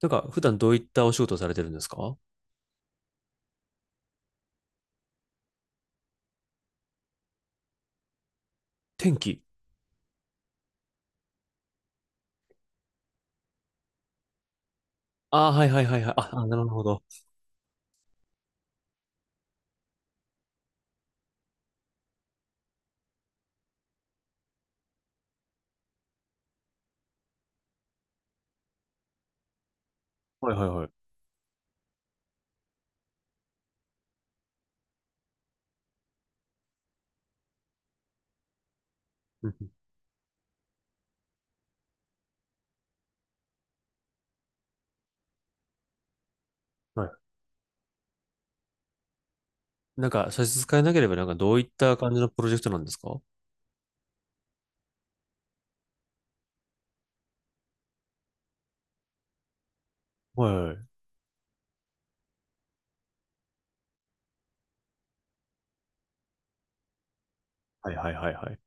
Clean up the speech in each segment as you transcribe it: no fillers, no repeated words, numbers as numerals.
なんか、普段どういったお仕事をされてるんですか？天気。ああ、はいはいはいはい。あ、なるほど。はいはいはい。うんうん。はい。なんか、差し支えなければ、なんか、どういった感じのプロジェクトなんですか？はいはいはいはいはいはい。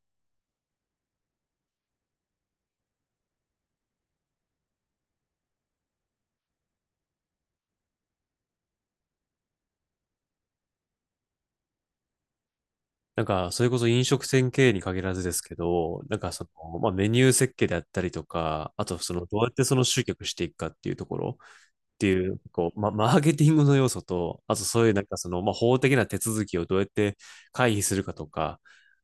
なんか、それこそ飲食店経営に限らずですけど、なんかその、まあ、メニュー設計であったりとか、あとその、どうやってその集客していくかっていうところ、っていう、こう、マーケティングの要素と、あとそういうなんかその、まあ、法的な手続きをどうやって回避するかとか、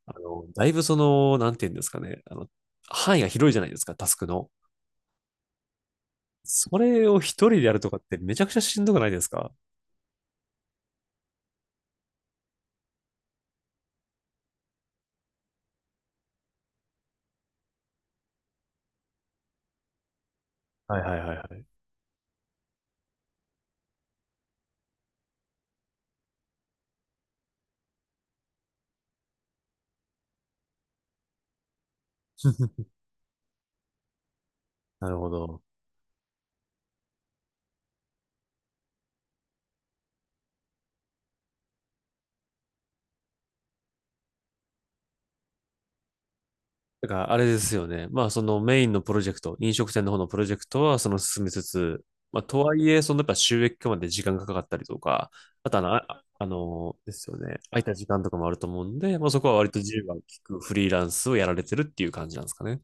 あの、だいぶその、なんていうんですかね、あの、範囲が広いじゃないですか、タスクの。それを一人でやるとかってめちゃくちゃしんどくないですか？はいはいはいはい。なるほど。だからあれですよね。まあそのメインのプロジェクト、飲食店の方のプロジェクトはその進めつつ、まあとはいえ、そのやっぱ収益化まで時間がかかったりとか、あとあの、あのですよね。空いた時間とかもあると思うんで、まあそこは割と自由が利くフリーランスをやられてるっていう感じなんですかね。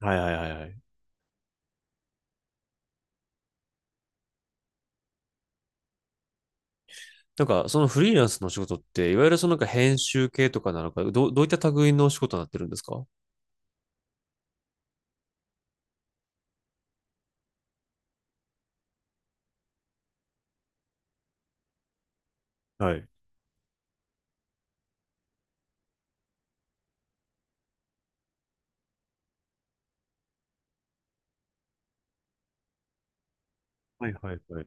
はいはいはいはい。なんかそのフリーランスのお仕事って、いわゆるそのなんか編集系とかなのか、どういった類のお仕事になってるんですか？はい。はいはいはい。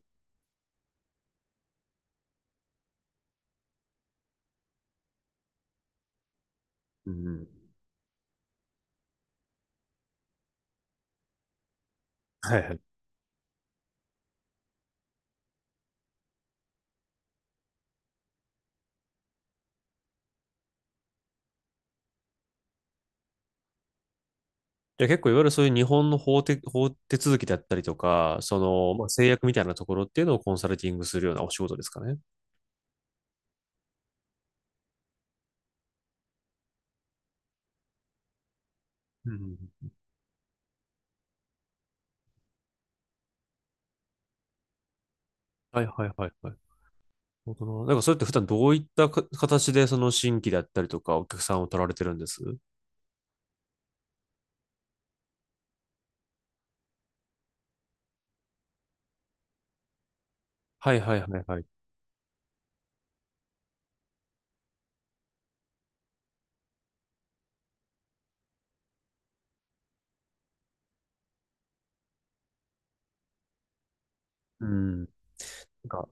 うんうん。はいはい。じゃあ結構いわゆるそういう日本の法手続きだったりとか、その、まあ、制約みたいなところっていうのをコンサルティングするようなお仕事ですかね。うんうんうん。はいはいはいはい。なるほどな。なんかそれって普段どういったか形でその新規だったりとかお客さんを取られてるんです？はいはいはいはい。うん。なんか、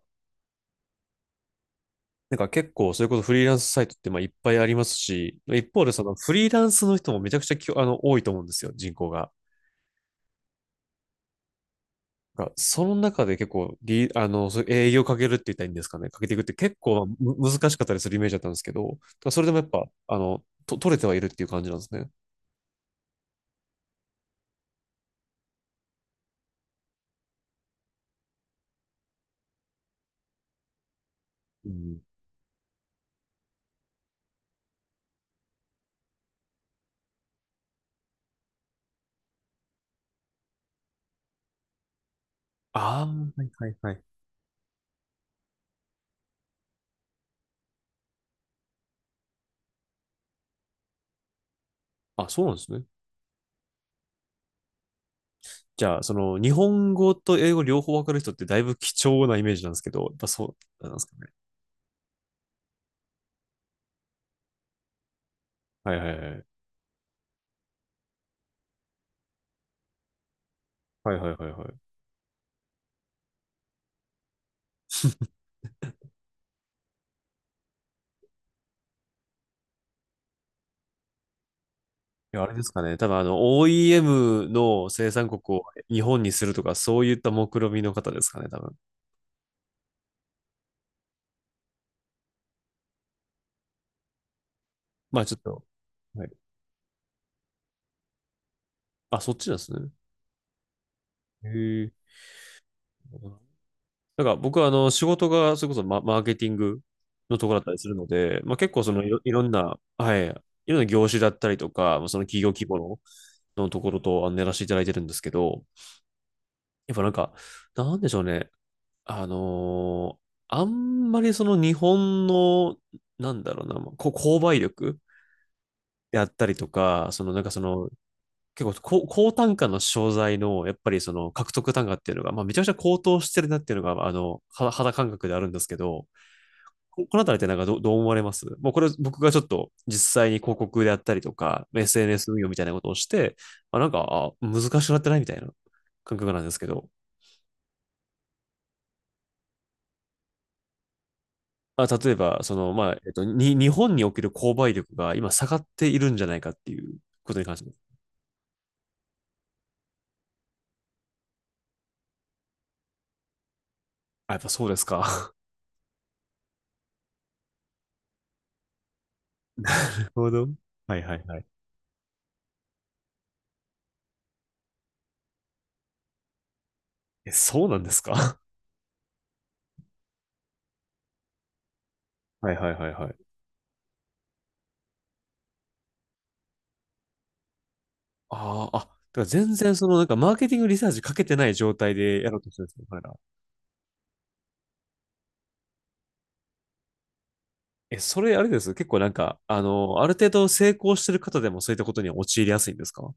なんか結構それこそフリーランスサイトってまあいっぱいありますし、一方でそのフリーランスの人もめちゃくちゃあの多いと思うんですよ、人口が。が、その中で結構リ、あの、そう営業かけるって言ったらいいんですかね、かけていくって結構難しかったりするイメージだったんですけど、だからそれでもやっぱ、あの、取れてはいるっていう感じなんですね。うん。ああ、はいはいはい。あ、そうなんですね。じゃあ、その、日本語と英語両方わかる人ってだいぶ貴重なイメージなんですけど、やっぱそうなんですかね。はいはいはい。はいはいはいはい。いや、あれですかね。多分あの、OEM の生産国を日本にするとか、そういった目論見みの方ですかね、多分。まあちょっと。はい。あ、そっちなんですね。へえ。なんか僕はあの仕事がそれこそマーケティングのところだったりするので、まあ、結構そのいろんな、はい、いろんな業種だったりとか、まあその企業規模の、のところとあのやらせていただいてるんですけど、やっぱなんか、なんでしょうね。あのーあんまりその日本の、なんだろうな、まあ購買力であったりとか、そのなんかその結構高、高単価の商材の、やっぱりその獲得単価っていうのが、まあめちゃくちゃ高騰してるなっていうのが、あの、肌感覚であるんですけど、ここのあたりってなんかどう思われます？もうこれ僕がちょっと実際に広告であったりとか、SNS 運用みたいなことをして、まあ、なんか、難しくなってないみたいな感覚なんですけど、あ、例えば、その、まあ、日本における購買力が今下がっているんじゃないかっていうことに関して。あ、やっぱそうですか。なるほど。はいはいはい。え、そうなんですか？ はいはいはいはい。ああ、だから全然そのなんかマーケティングリサーチかけてない状態でやろうとしてるんですね、彼ら。え、それあれです？結構なんか、あの、ある程度成功してる方でもそういったことには陥りやすいんですか？は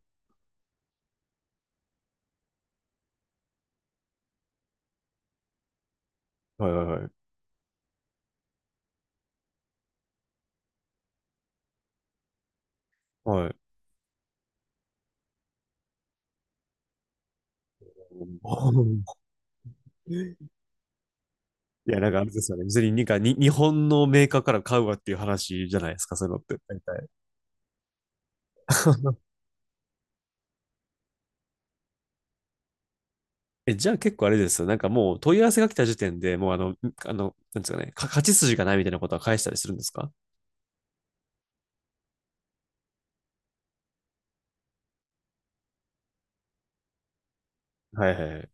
いはいはい。はい。おー。いや、なんかあれですよね。別に、日本のメーカーから買うわっていう話じゃないですか、そういうのって。大体。 え、じゃあ結構あれですよ。なんかもう問い合わせが来た時点でもうあの、あの、なんですかね、勝ち筋がないみたいなことは返したりするんですか？はいはいはい。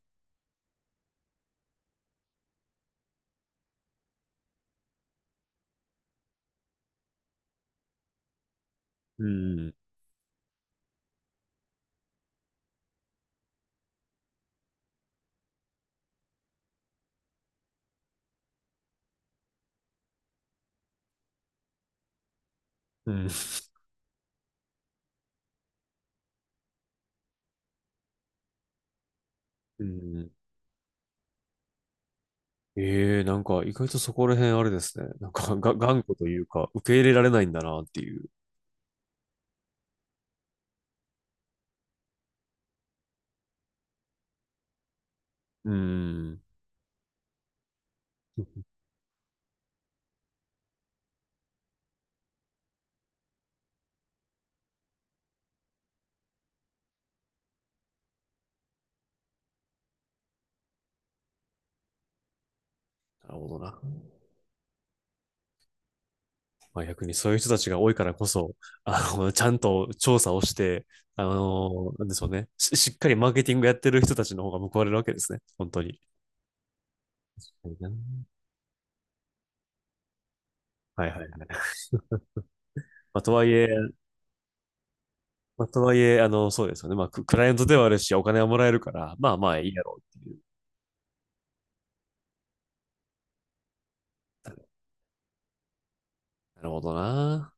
うん。うん。うん。ええ、なんか意外とそこら辺あれですね。なんかが頑固というか、受け入れられないんだなっていう。うーん。なるほどな。まあ逆にそういう人たちが多いからこそ、あの、ちゃんと調査をして、あの、なんでしょうね。しっかりマーケティングやってる人たちの方が報われるわけですね。本当に。はいな。はいはいはい。まあとはいえ、まあとはいえ、あの、そうですよね。まあクライアントではあるし、お金はもらえるから、まあまあいいやろうっていう。なるほどな。